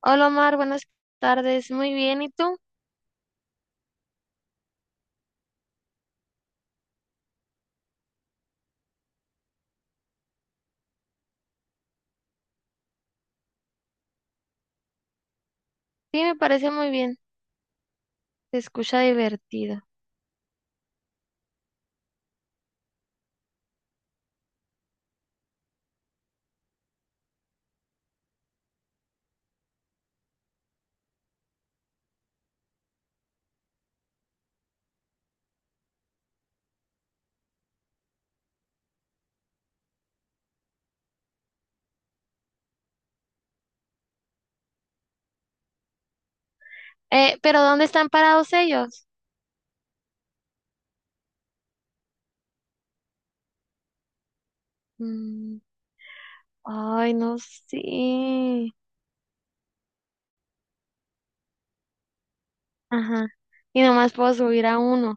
Hola Omar, buenas tardes. Muy bien, ¿y tú? Sí, me parece muy bien. Se escucha divertido. Pero ¿dónde están parados ellos? Mm, ay, no sé. Ajá. Y nomás puedo subir a uno.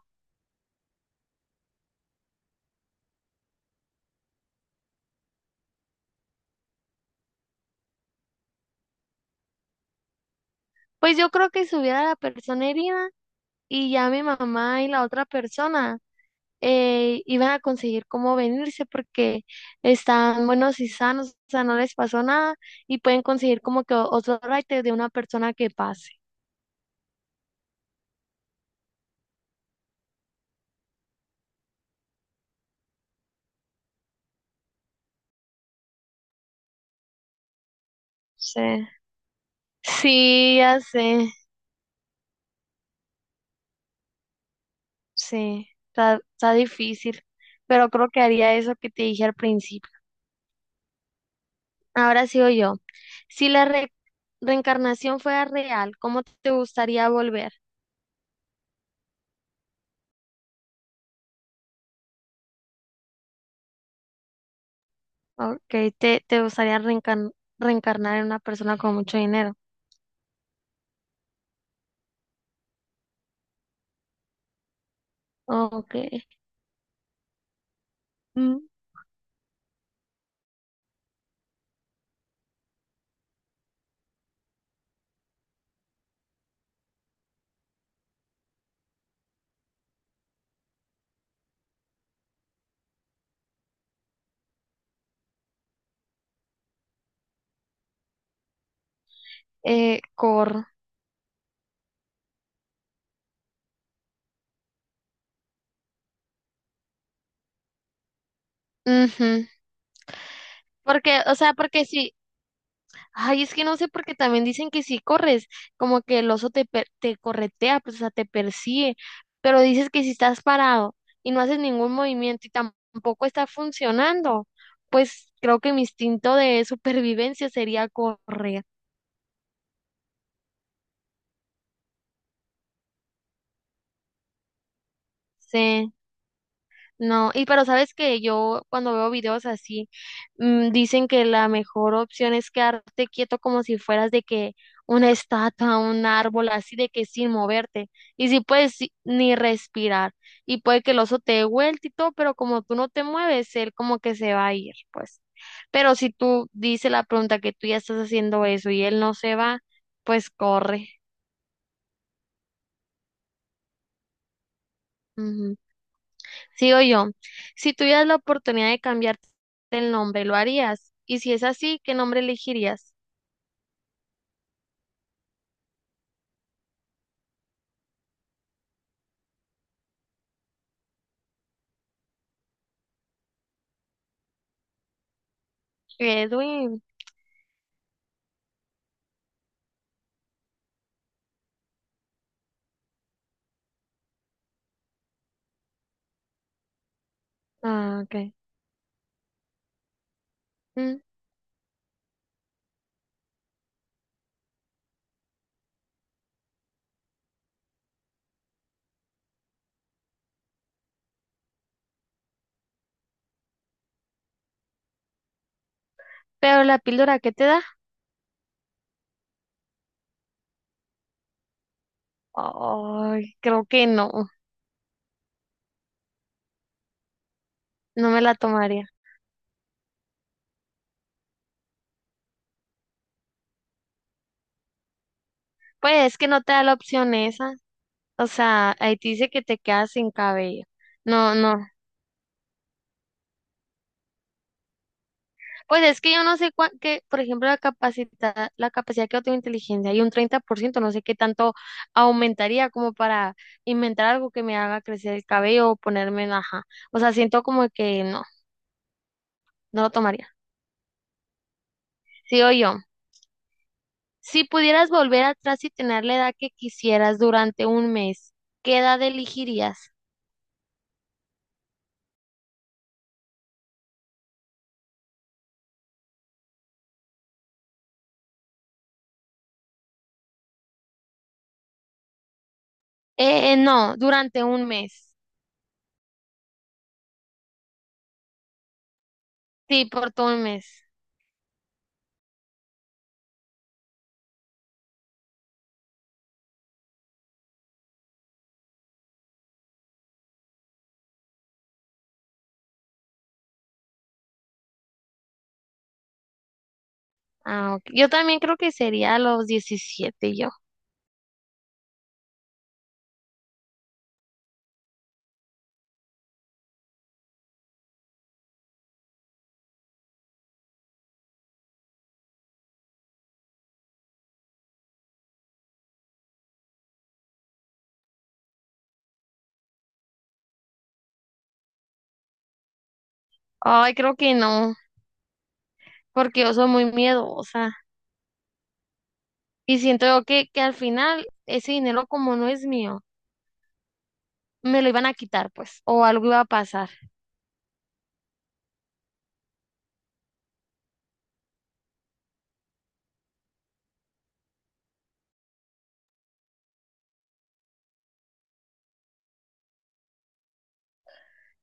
Pues yo creo que subir a la persona herida y ya mi mamá y la otra persona iban a conseguir cómo venirse porque están buenos y sanos, o sea, no les pasó nada y pueden conseguir como que otro raite de una persona que pase. Sí. Sí, ya sé, sí, está, está difícil, pero creo que haría eso que te dije al principio. Ahora sigo yo. Si la reencarnación fuera real, ¿cómo te gustaría volver? Ok, te gustaría reencarnar en una persona con mucho dinero. Ok. Mm. Cor. Ujú. Porque, o sea, porque si, Ay, es que no sé porque también dicen que si corres, como que el oso te, te corretea, pues, o sea, te persigue, pero dices que si estás parado y no haces ningún movimiento y tampoco está funcionando, pues creo que mi instinto de supervivencia sería correr. Sí. No, y pero sabes que yo cuando veo videos así, dicen que la mejor opción es quedarte quieto como si fueras de que una estatua, un árbol, así de que sin moverte. Y si puedes ni respirar. Y puede que el oso te dé vuelta y todo, pero como tú no te mueves, él como que se va a ir, pues. Pero si tú dices la pregunta que tú ya estás haciendo eso y él no se va, pues corre. Sigo yo. Si tuvieras la oportunidad de cambiarte el nombre, ¿lo harías? Y si es así, ¿qué nombre elegirías? Edwin. Ah, ok. Mm, Pero la píldora, ¿qué te da? Ay, creo que no. No me la tomaría. Pues es que no te da la opción esa. O sea, ahí te dice que te quedas sin cabello. No, no. Pues es que yo no sé cuán, que, por ejemplo, la capacidad que yo tengo de inteligencia y un 30% no sé qué tanto aumentaría como para inventar algo que me haga crecer el cabello o ponerme en ajá. O sea, siento como que no, no lo tomaría. Sigo yo. Si pudieras volver atrás y tener la edad que quisieras durante un mes, ¿qué edad elegirías? No, durante un mes. Sí, por todo un mes. Ah, ok. Yo también creo que sería a los 17 yo. Ay, creo que no. Porque yo soy muy miedosa y siento yo que, al final ese dinero como no es mío, me lo iban a quitar pues, o algo iba a pasar.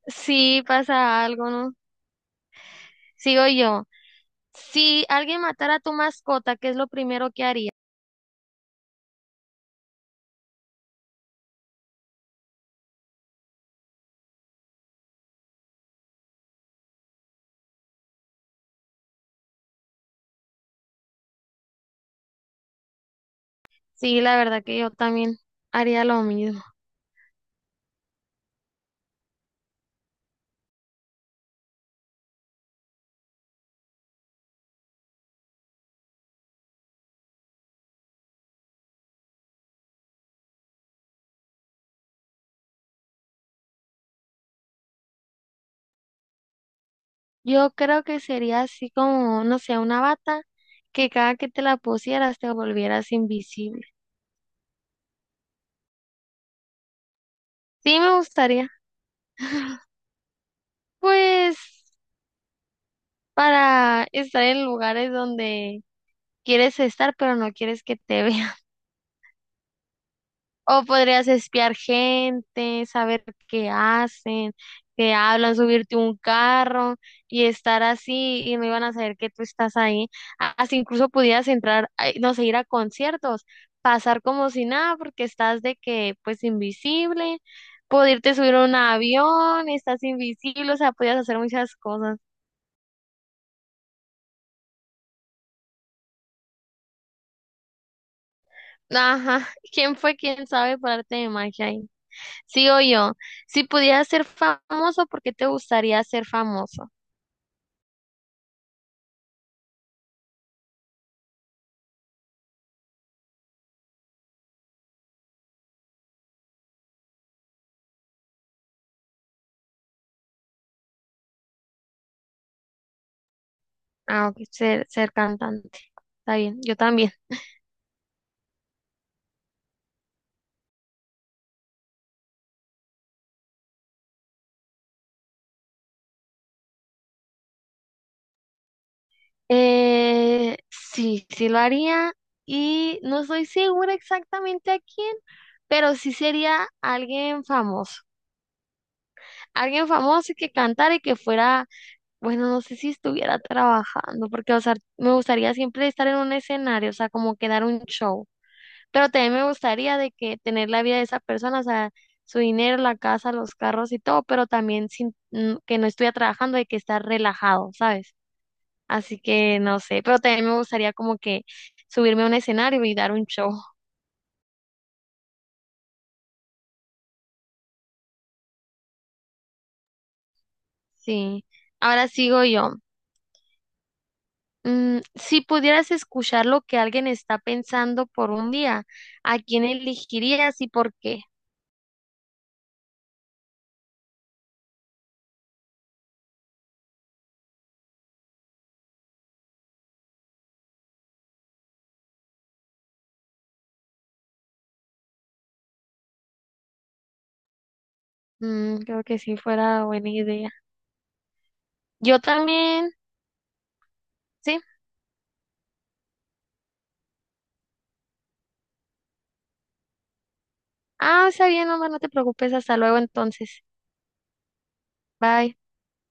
Sí, pasa algo, ¿no? Sigo yo. Si alguien matara a tu mascota, ¿qué es lo primero que haría? Sí, la verdad que yo también haría lo mismo. Yo creo que sería así como, no sé, una bata que cada que te la pusieras te volvieras invisible. Sí, me gustaría. Pues para estar en lugares donde quieres estar, pero no quieres que te vean. O podrías espiar gente, saber qué hacen, qué hablan, subirte a un carro y estar así y no iban a saber que tú estás ahí. Así incluso podías entrar, ay, no sé, ir a conciertos, pasar como si nada porque estás de que pues invisible, poderte subir a un avión, estás invisible, o sea, podías hacer muchas cosas. Ajá, ¿quién fue? ¿Quién sabe por arte de magia ahí? Sí o yo, si pudieras ser famoso, ¿por qué te gustaría ser famoso? Ah, ok, ser cantante. Está bien, yo también. Sí, sí lo haría y no estoy segura exactamente a quién, pero sí sería alguien famoso. Alguien famoso que cantara y que fuera, bueno, no sé si estuviera trabajando, porque, o sea, me gustaría siempre estar en un escenario, o sea, como que dar un show. Pero también me gustaría de que tener la vida de esa persona, o sea, su dinero, la casa, los carros y todo, pero también sin que no estuviera trabajando, de que estar relajado, ¿sabes? Así que no sé, pero también me gustaría como que subirme a un escenario y dar un show. Sí. Ahora sigo yo. Si pudieras escuchar lo que alguien está pensando por un día, ¿a quién elegirías y por qué? Creo que sí fuera buena idea. Yo también, sí. Ah, está bien, Omar, no te preocupes. Hasta luego entonces. Bye